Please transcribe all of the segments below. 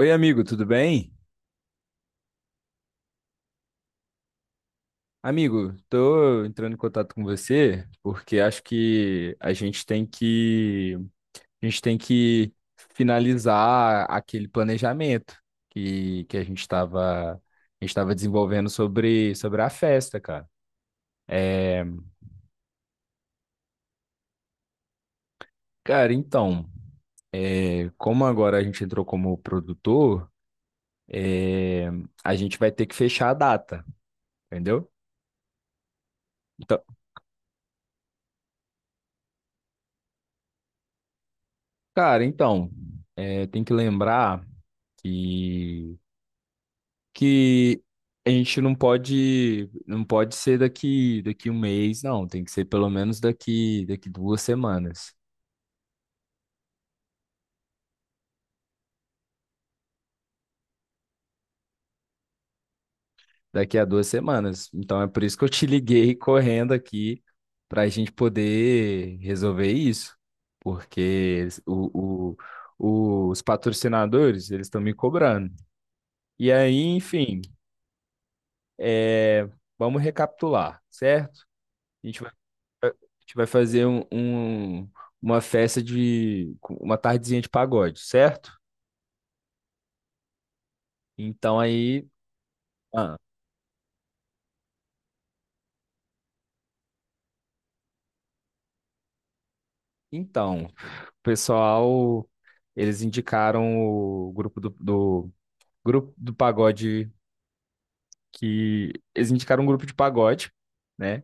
Oi, amigo, tudo bem? Amigo, tô entrando em contato com você porque acho que a gente tem que finalizar aquele planejamento que a gente estava desenvolvendo sobre a festa, cara. É, cara, então, como agora a gente entrou como produtor, é, a gente vai ter que fechar a data, entendeu? Então, cara, então, tem que lembrar que que a gente não pode ser daqui um mês, não, tem que ser pelo menos daqui a duas semanas. Então é por isso que eu te liguei correndo aqui para a gente poder resolver isso, porque os patrocinadores eles estão me cobrando. E aí, enfim, é, vamos recapitular, certo? A gente vai fazer uma festa de com uma tardezinha de pagode, certo? Então aí, ah, então, o pessoal, eles indicaram o grupo do grupo do pagode que eles indicaram um grupo de pagode, né?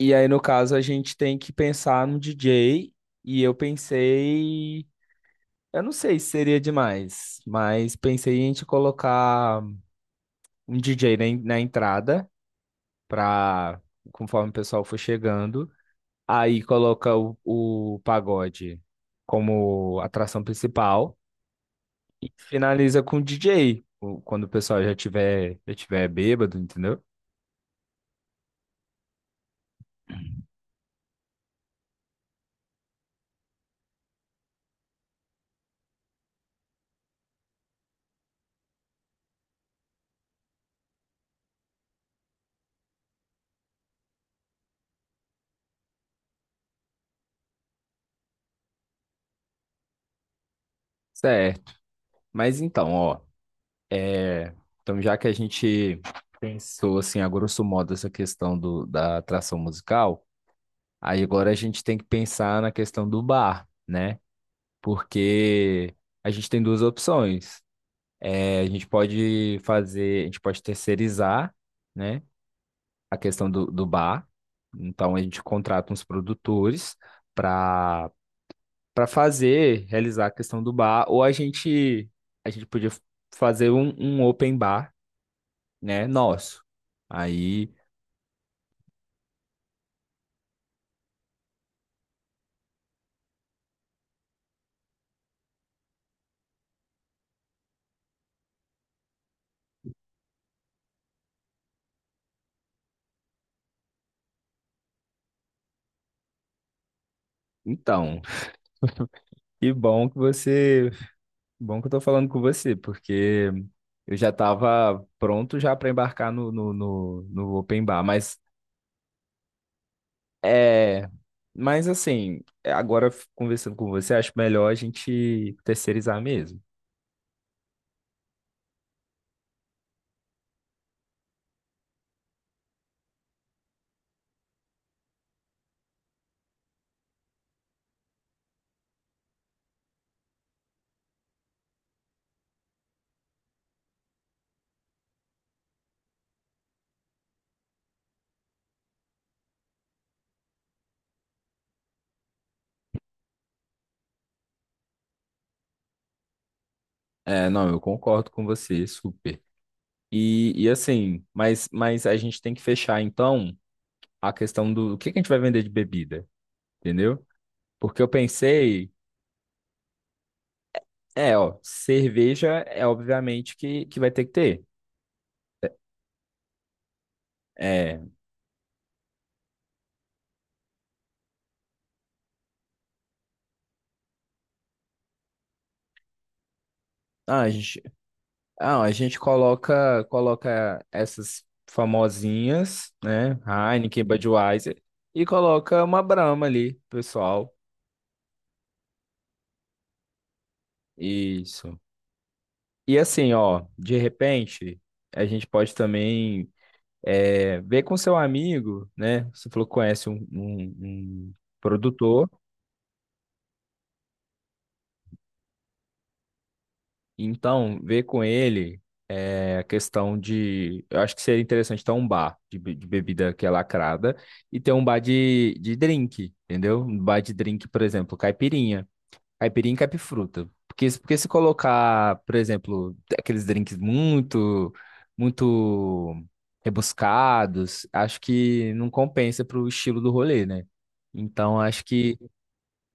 E aí no caso a gente tem que pensar no DJ e eu não sei se seria demais, mas pensei em a gente colocar um DJ na entrada pra, conforme o pessoal for chegando. Aí coloca o pagode como atração principal e finaliza com o DJ, quando o pessoal já tiver bêbado, entendeu? Certo. Mas então, ó, é, então já que a gente pensou assim, a grosso modo, essa questão da atração musical, aí agora a gente tem que pensar na questão do bar, né? Porque a gente tem duas opções. É, a gente pode terceirizar, né, a questão do bar. Então a gente contrata uns produtores para para realizar a questão do bar, ou a gente podia fazer um open bar, né, nosso. Aí, então, que bom que você, bom que eu tô falando com você, porque eu já estava pronto já para embarcar no open bar, mas. É, mas assim, agora conversando com você, acho melhor a gente terceirizar mesmo. É, não, eu concordo com você, super. E assim, mas a gente tem que fechar então a questão o que que a gente vai vender de bebida, entendeu? Porque eu pensei, ó, cerveja é obviamente que vai ter que ter. É, ah, a gente- Ah, a gente coloca essas famosinhas, né? Heineken, Budweiser, e coloca uma Brahma ali, pessoal. Isso. E assim, ó, de repente, a gente pode também ver com seu amigo, né? Você falou que conhece um produtor. Então, ver com ele é a questão de. Eu acho que seria interessante ter um bar de bebida que é lacrada e ter um bar de drink, entendeu? Um bar de drink, por exemplo, caipirinha. Caipirinha e caipifruta. Porque se colocar, por exemplo, aqueles drinks muito, muito rebuscados, acho que não compensa pro estilo do rolê, né? Então, acho que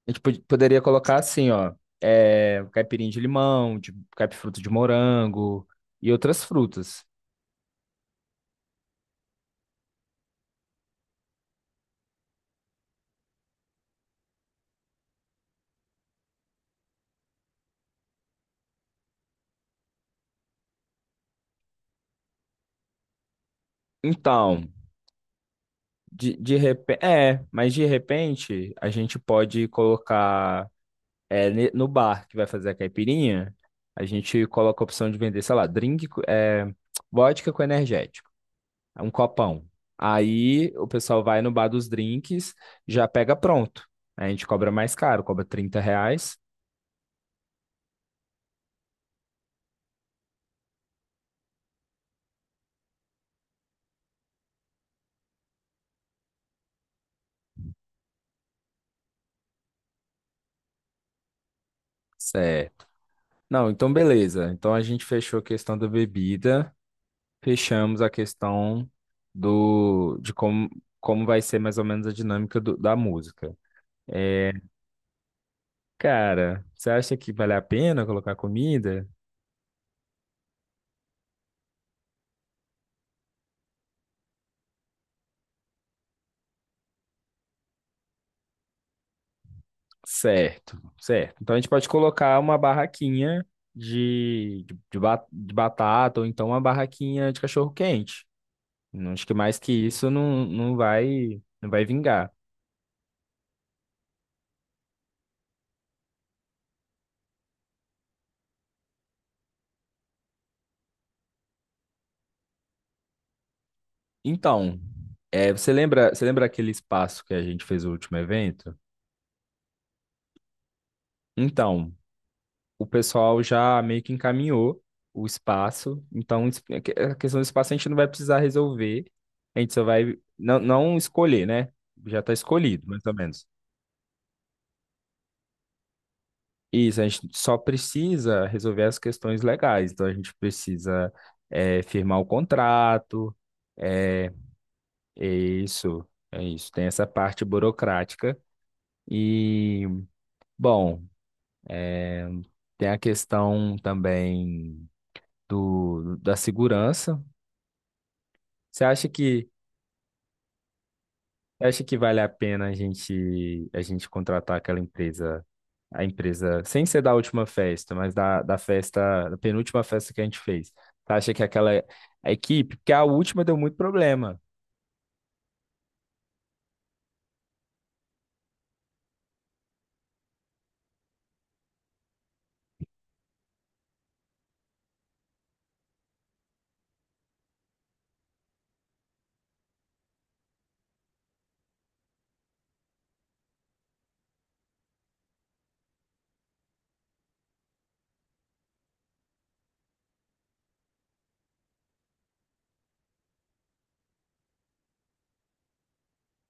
a gente poderia colocar assim, ó, caipirinha de limão, de caipifruta de morango e outras frutas. Então, de repente, mas de repente a gente pode colocar no bar que vai fazer a caipirinha, a gente coloca a opção de vender, sei lá, drink, vodka com energético, um copão. Aí o pessoal vai no bar dos drinks, já pega pronto. A gente cobra mais caro, cobra R$ 30. Certo. Não, então beleza. Então a gente fechou a questão da bebida, fechamos a questão do de como vai ser mais ou menos a dinâmica da música. É, cara, você acha que vale a pena colocar comida? Certo, certo. Então a gente pode colocar uma barraquinha de batata ou então uma barraquinha de cachorro-quente. Não acho que mais que isso não, não vai vingar. Então, você lembra aquele espaço que a gente fez o último evento? Então, o pessoal já meio que encaminhou o espaço. Então, é a questão do espaço a gente não vai precisar resolver. A gente só vai não, não escolher, né? Já está escolhido, mais ou menos. Isso, a gente só precisa resolver as questões legais. Então, a gente precisa firmar o contrato. É, é isso, é isso. Tem essa parte burocrática. E, bom. Tem a questão também da segurança. Você acha que você acha que vale a pena a gente contratar a empresa sem ser da última festa, mas da penúltima festa que a gente fez? Você acha que aquela a equipe, porque a última deu muito problema.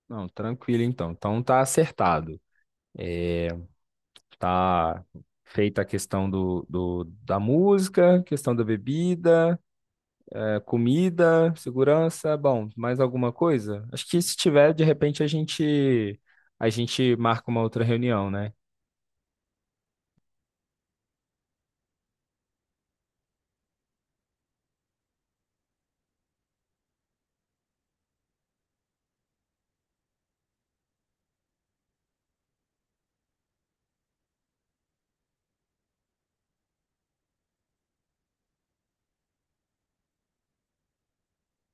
Não, tranquilo então. Então tá acertado. É, tá feita a questão da música, questão da bebida. Comida, segurança, bom, mais alguma coisa? Acho que se tiver, de repente a gente marca uma outra reunião, né?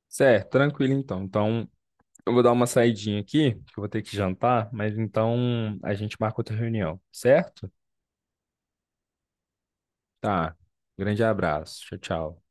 Certo, tranquilo então. Então, eu vou dar uma saidinha aqui, que eu vou ter que jantar, mas então a gente marca outra reunião, certo? Tá. Grande abraço. Tchau, tchau.